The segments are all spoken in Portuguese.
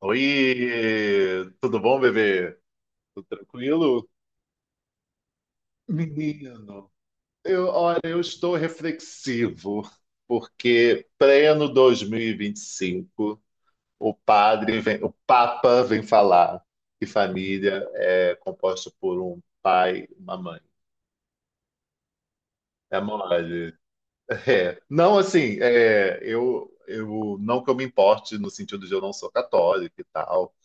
Oi, tudo bom, bebê? Tudo tranquilo? Menino, eu, olha, eu estou reflexivo, porque pleno 2025, o padre vem, o Papa vem falar que família é composta por um pai e uma mãe. É mole. É. Não, assim, é, não que eu me importe no sentido de eu não sou católico e tal,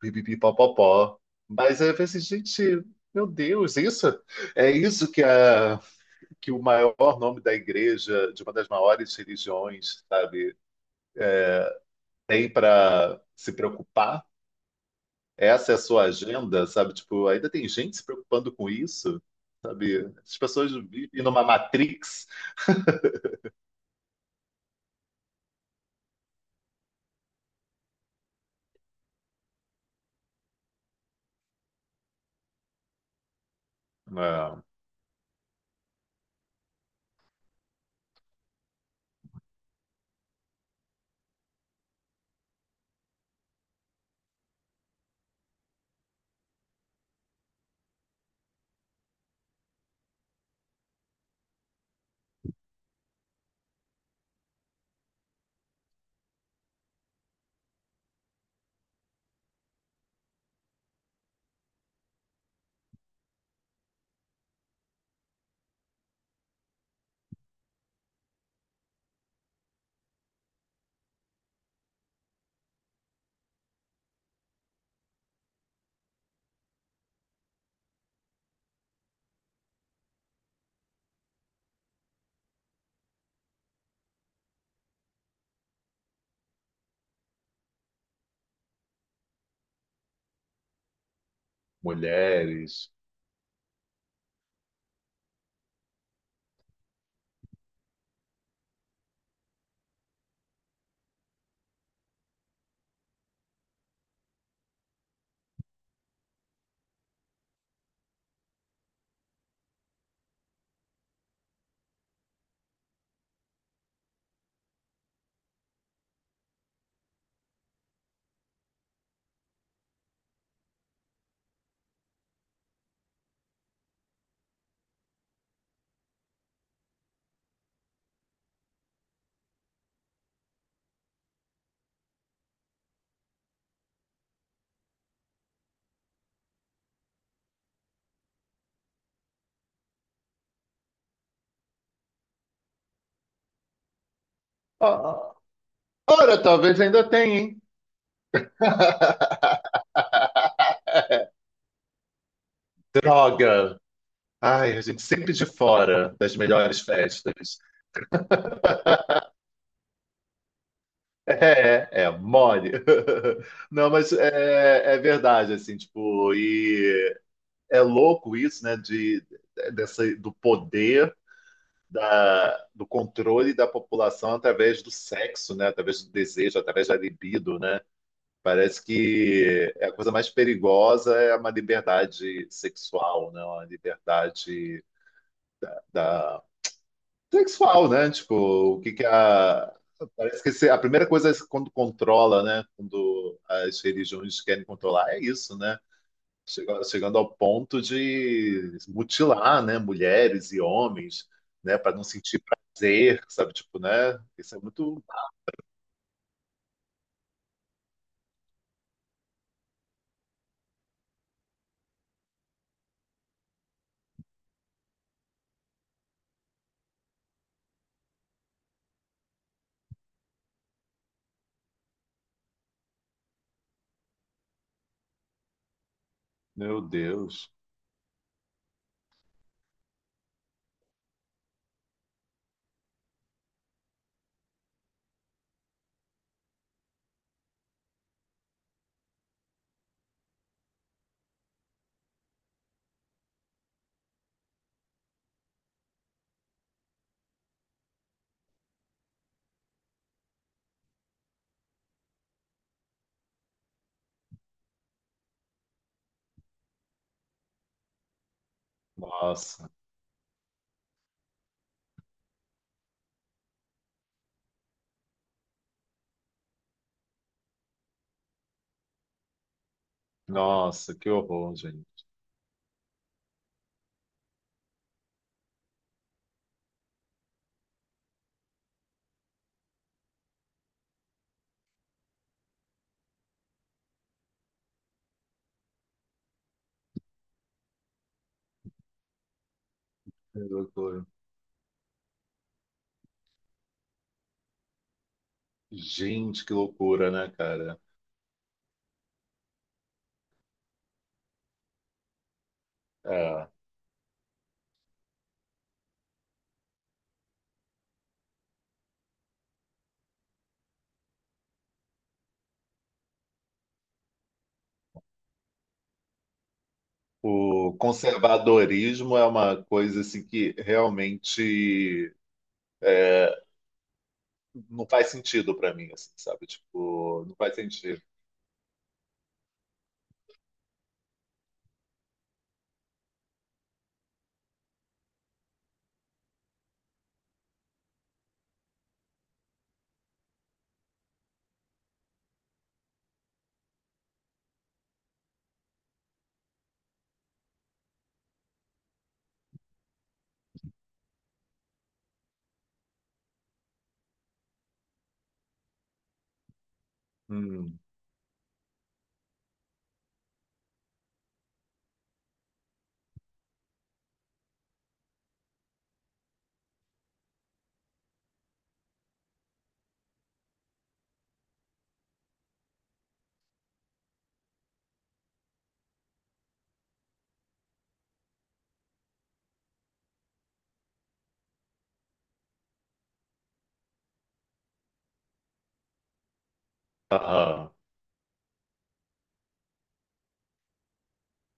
pipipipopopó. Mas aí eu pensei, gente, meu Deus, isso é isso que, a, que o maior nome da igreja, de uma das maiores religiões, sabe, tem para se preocupar? Essa é a sua agenda, sabe? Tipo, ainda tem gente se preocupando com isso, sabe? As pessoas vivem numa matrix, né? Mulheres. Ah, ora, talvez ainda tenha, hein? Droga! Ai, a gente sempre de fora das melhores festas. Mole. Não, mas é verdade, assim, tipo, e é louco isso, né, dessa, do poder, do controle da população através do sexo, né, através do desejo, através da libido, né? Parece que é a coisa mais perigosa é uma liberdade sexual, né, uma liberdade sexual, né? Tipo, o que que a. Parece que se- a primeira coisa é quando controla, né? Quando as religiões querem controlar, é isso, né? Chegando ao ponto de mutilar, né? Mulheres e homens, né? Para não sentir prazer, sabe? Tipo, né? Isso é muito. Meu Deus. Nossa, que horror, gente. Que loucura. Gente, que loucura, né, cara? É. O conservadorismo é uma coisa assim que realmente é, não faz sentido para mim, assim, sabe? Tipo, não faz sentido. Hum, aham,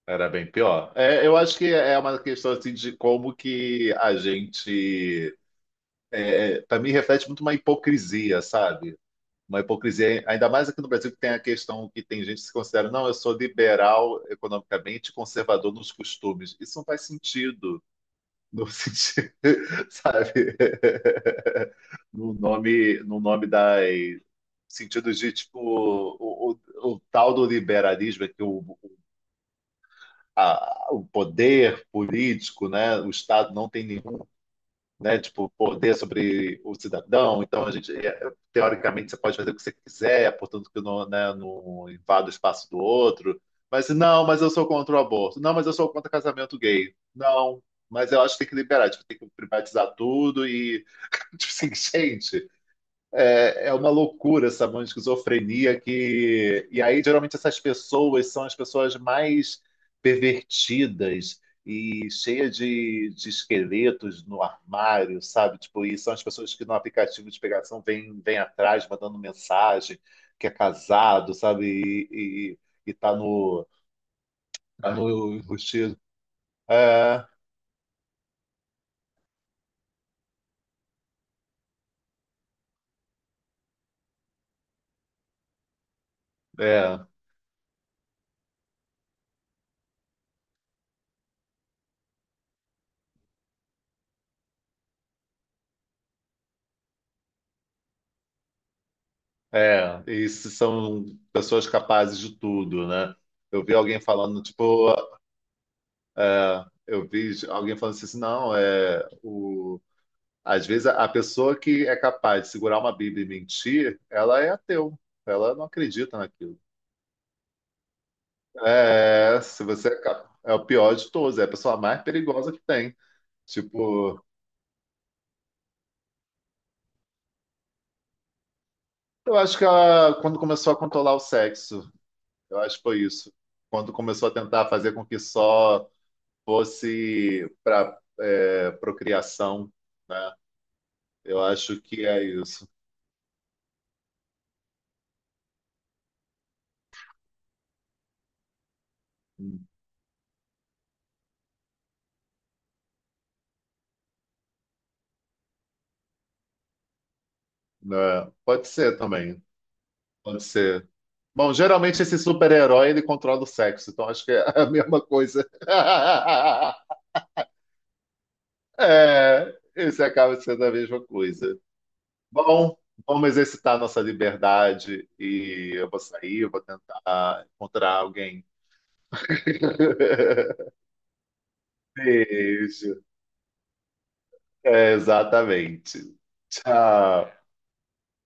era bem pior. É, eu acho que é uma questão assim de como que a gente, para mim, reflete muito uma hipocrisia, sabe? Uma hipocrisia, ainda mais aqui no Brasil, que tem a questão que tem gente que se considera, não, eu sou liberal economicamente, conservador nos costumes. Isso não faz sentido. No sentido, sabe, no nome, no nome das sentido de tipo o tal do liberalismo é que o poder político, né, o Estado não tem nenhum, né, tipo poder sobre o cidadão. Então a gente é, teoricamente você pode fazer o que você quiser, portanto que não, né, não invada o espaço do outro. Mas não, mas eu sou contra o aborto. Não, mas eu sou contra casamento gay. Não, mas eu acho que tem que liberar, tipo, tem que privatizar tudo e tipo assim, gente, é, é uma loucura essa mão de esquizofrenia que. E aí, geralmente, essas pessoas são as pessoas mais pervertidas e cheia de esqueletos no armário, sabe? Tipo, e são as pessoas que no aplicativo de pegação vêm atrás, mandando mensagem, que é casado, sabe? E, e tá no, tá no é, é. É, e se são pessoas capazes de tudo, né? Eu vi alguém falando, tipo, é, eu vi alguém falando assim, não, é, o, às vezes a pessoa que é capaz de segurar uma Bíblia e mentir, ela é ateu, ela não acredita naquilo. É, se você é, é o pior de todos, é a pessoa mais perigosa que tem. Tipo, eu acho que ela, quando começou a controlar o sexo, eu acho que foi isso. Quando começou a tentar fazer com que só fosse para é, procriação, né? Eu acho que é isso. Né? Pode ser também, pode ser. Bom, geralmente esse super-herói ele controla o sexo, então acho que é a mesma coisa. É, esse acaba sendo a mesma coisa. Bom, vamos exercitar nossa liberdade e eu vou sair, eu vou tentar encontrar alguém. Beijo. É, exatamente. Tchau.